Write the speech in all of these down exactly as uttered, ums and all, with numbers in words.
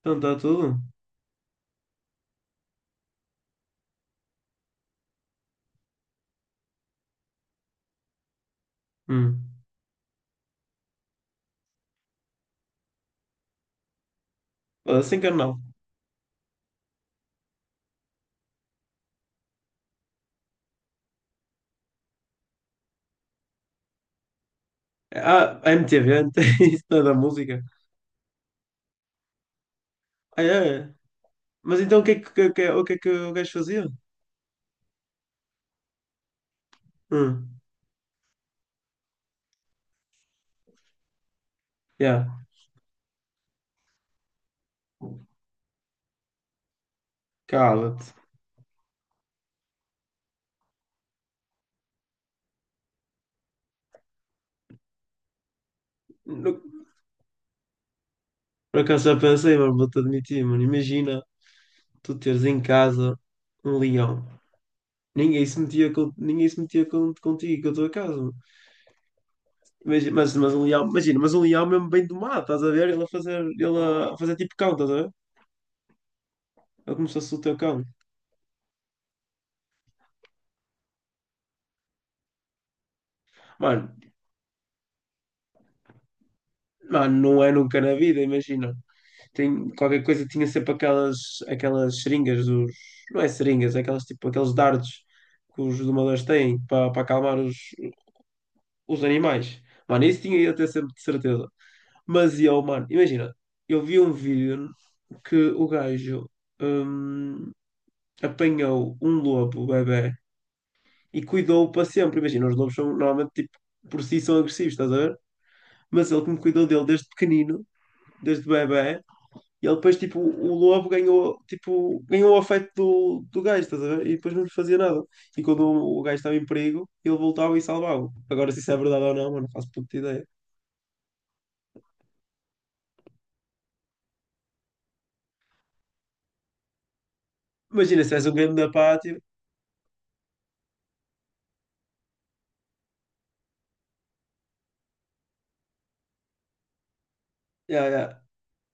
Então está tudo? Hum. Assim que eu não. Ah, a M T V, não tem isso não é da música. Ah, é? É. Mas então o que é que, o que, é- o que é que o gajo fazia? Hum. Yeah, cala-te. No- Por acaso já pensei, mas vou-te admitir, mano. Imagina tu teres em casa um leão. Ninguém se metia, com, ninguém se metia com, contigo, com a tua casa, mano. Imagina, mas, mas um leão, imagina, mas um leão é mesmo bem domado, estás a ver? Ele a fazer, ele a fazer tipo cão, estás a ver? Ele como se fosse o teu cão. Mano, mano, não é nunca na vida, imagina. Tem, qualquer coisa tinha sempre aquelas, aquelas seringas dos. Não é seringas, é aquelas tipo aqueles dardos que os domadores têm para para acalmar os, os animais. Mano, isso tinha eu até sempre de certeza. Mas eu, mano, imagina, eu vi um vídeo que o gajo hum, apanhou um lobo, bebê, e cuidou-o para sempre. Imagina, os lobos são normalmente tipo, por si são agressivos, estás a ver? Mas ele como cuidou dele desde pequenino, desde bebê, e ele depois, tipo, o lobo ganhou, tipo, ganhou o afeto do, do gajo, estás a ver? E depois não lhe fazia nada. E quando o, o gajo estava em perigo, ele voltava e salvava-o. Agora, se isso é verdade ou não, mano, não faço puta ideia. Imagina, se tivesse um game da pátio. Yeah, yeah,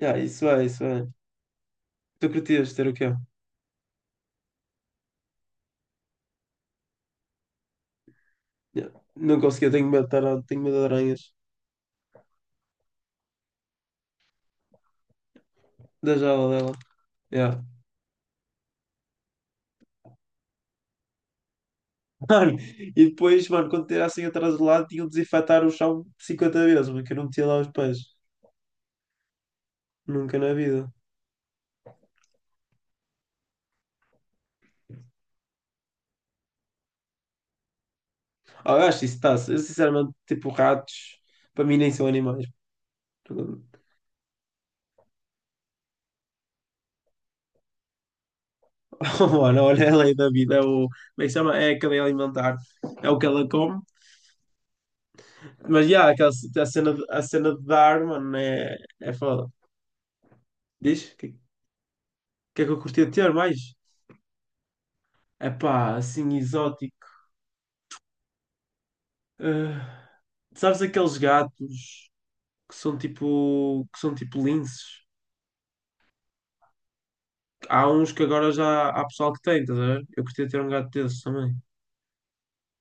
yeah, isso é, isso é. Tu curtias ter o quê? Yeah. Não conseguia, tenho medo de tar- tenho medo de aranhas. Da jaula dela. Yeah. Mano, e depois, mano, quando tirassem atrás do lado, tinham de desinfetar o chão cinquenta vezes, porque eu não metia lá os pés. Nunca na vida. Ah, eu acho isso está. Eu sinceramente, tipo, ratos, para mim nem são animais. Oh, mano, olha é a lei da vida, é o. Como é que se chama? É a cadeia alimentar, é o que ela come. Mas já, aquela a cena, de- a cena de dar, mano, é, é foda. Diz? O que, que é que eu curtia de ter mais? É pá, assim, exótico. Ah, sabes aqueles gatos que são tipo. que são tipo linces? Há uns que agora já há pessoal que tem, estás a ver? Eu curtia ter um gato desses também.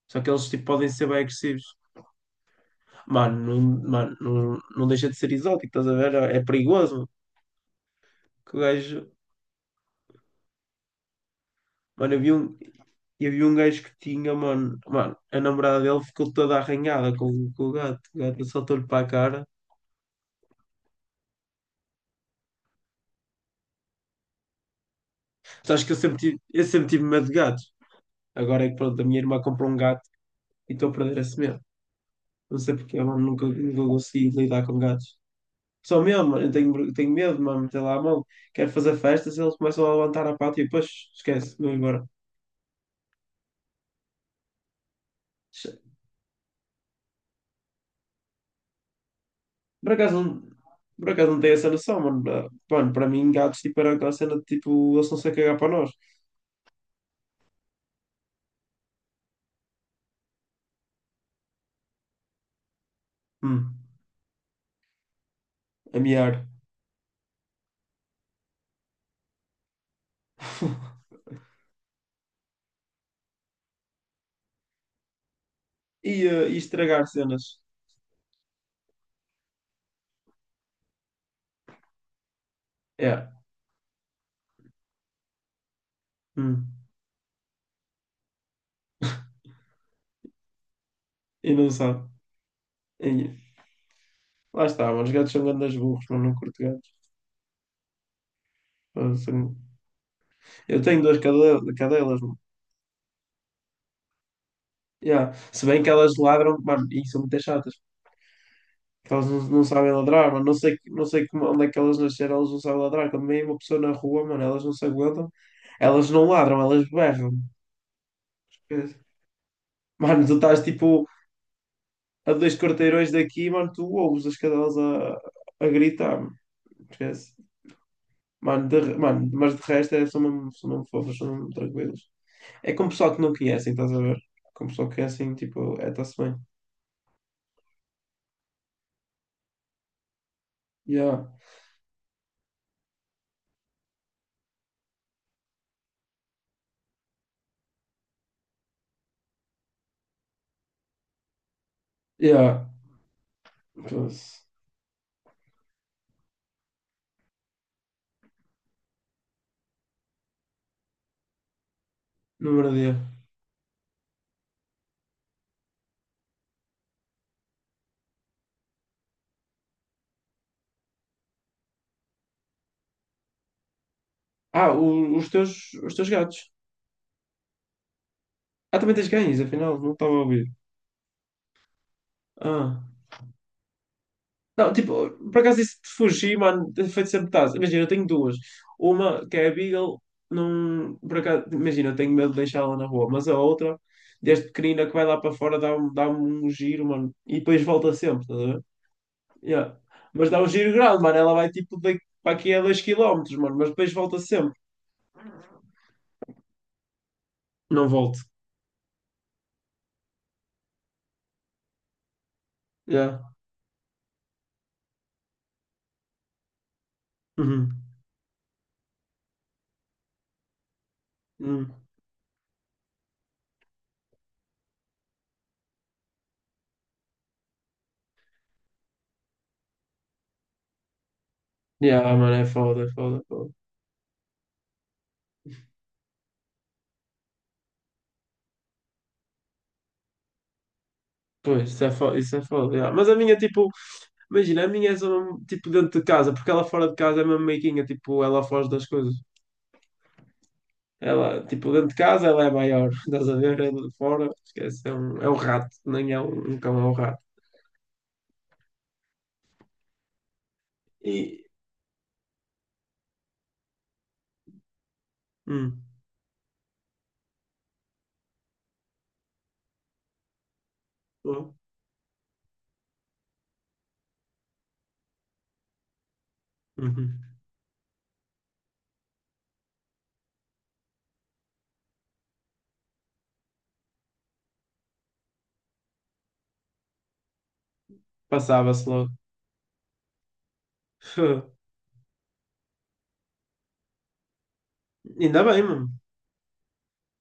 Só que eles tipo, podem ser bem agressivos. Mano, não, mano, não, não deixa de ser exótico, estás a ver? É é perigoso. Que o gajo. Mano, eu vi um, eu vi um gajo que tinha, mano. Mano, a namorada dele ficou toda arranhada com, com o gato. O gato saltou-lhe para a cara. Sabes que eu sempre tive, eu sempre tive medo de gatos. Agora é que pronto, a minha irmã comprou um gato e estou a perder esse medo. Não sei porque, mano, nunca, nunca consegui lidar com gatos. Só mesmo, mano, eu tenho, tenho medo, mano, meter lá a mão. Quero fazer festas, eles começam a levantar a pata e depois esquece, vou embora. Por acaso, não- por acaso não tem essa noção, mano. Mano, para mim, gatos, tipo, era aquela cena de, tipo, eles estão-se a cagar para nós. Hum, a miar. E, eh, e estragar cenas. É. Hum. E não sabe. E- Lá está, mano. Os gatos são grandes burros, mano. Não curto gatos. Mano, são- Eu tenho duas cadela- cadelas, mano. Yeah. Se bem que elas ladram, mano, e são muito chatas. Que elas não, não sabem ladrar, mano. Não sei, não sei como, onde é que elas nasceram, elas não sabem ladrar. Quando vem uma pessoa na rua, mano, elas não se aguentam. Elas não ladram, elas berram. Esquece. Mano, tu estás tipo a dois quarteirões daqui, mano, tu ouves as cadelas a, a gritar, mano. Esquece. Mano, de- mano, mas de resto é, são mesmo, são mesmo fofos, são mesmo tranquilos. É com pessoal que não conhecem, estás a ver? Com pessoal que conhecem, tipo, é, está-se bem. Yeah, yeah. Foda-se. Número de. Ah, o- os teus, os teus gatos. Ah, também tens cães, afinal, não estava a ouvir. Ah. Não, tipo, por acaso isso de fugir, mano, tem feito sempre taz. Imagina, eu tenho duas. Uma que é a Beagle, não, por acaso, imagina, eu tenho medo de deixá-la na rua, mas a outra, desde pequenina que vai lá para fora, dá-me dá um giro, mano, e depois volta sempre, estás a ver? Yeah. Mas dá um giro grande, mano, ela vai tipo daqui para aqui a dois quilômetros, mano, mas depois volta sempre. Não volto. Yeah. Uhum. Uhum. Yeah, mano, é foda, é foda, é foda. Pois, isso é foda, isso é foda. Yeah. Mas a minha, tipo, imagina, a minha é só mesmo, tipo dentro de casa, porque ela fora de casa é mesmo meiguinha, tipo, ela foge das coisas. Ela, tipo, dentro de casa ela é maior, estás a ver? Ela de fora, esquece, é um, é um rato, nem é um, um, cão, é um rato. E. Hum, oh, uhum. Passava-se logo. Ainda bem, mano.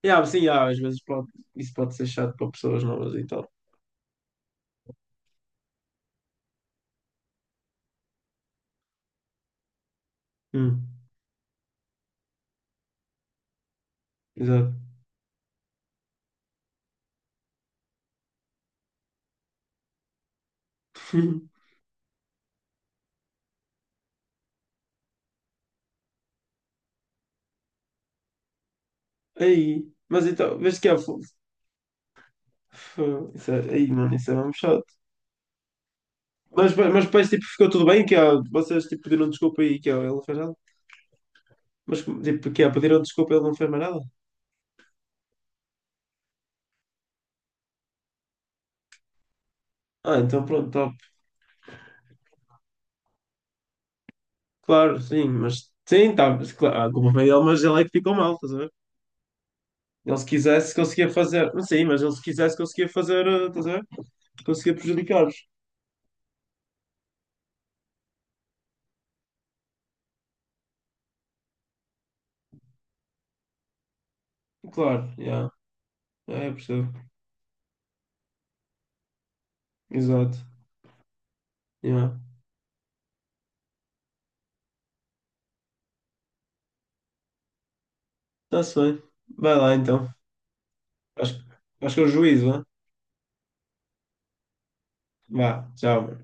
Yeah, sim, yeah, às vezes pode, isso pode ser chato para pessoas novas e tal. Hum, exato. Aí, mas então, vês que é. fo- fo- Isso é, aí, mano, isso é mesmo chato. Mas, mas depois tipo, ficou tudo bem, que ó, vocês tipo, pediram desculpa e que ó, ele não fez nada. Mas tipo, que ó, pediram desculpa e ele não fez mais nada. Ah, então pronto, top. Claro, sim, mas sim, tá, mas, claro, a culpa foi dele, mas ele é que ficou mal, estás a ver? Ele se quisesse conseguia fazer, não sei, mas ele se quisesse conseguia fazer, eh, estás a ver? Conseguia prejudicar-vos. Claro, yeah, é, eu percebo. Exato. Yeah. Está-se bem. Vai lá então. Acho, acho que é o juízo, né? Vá, tchau.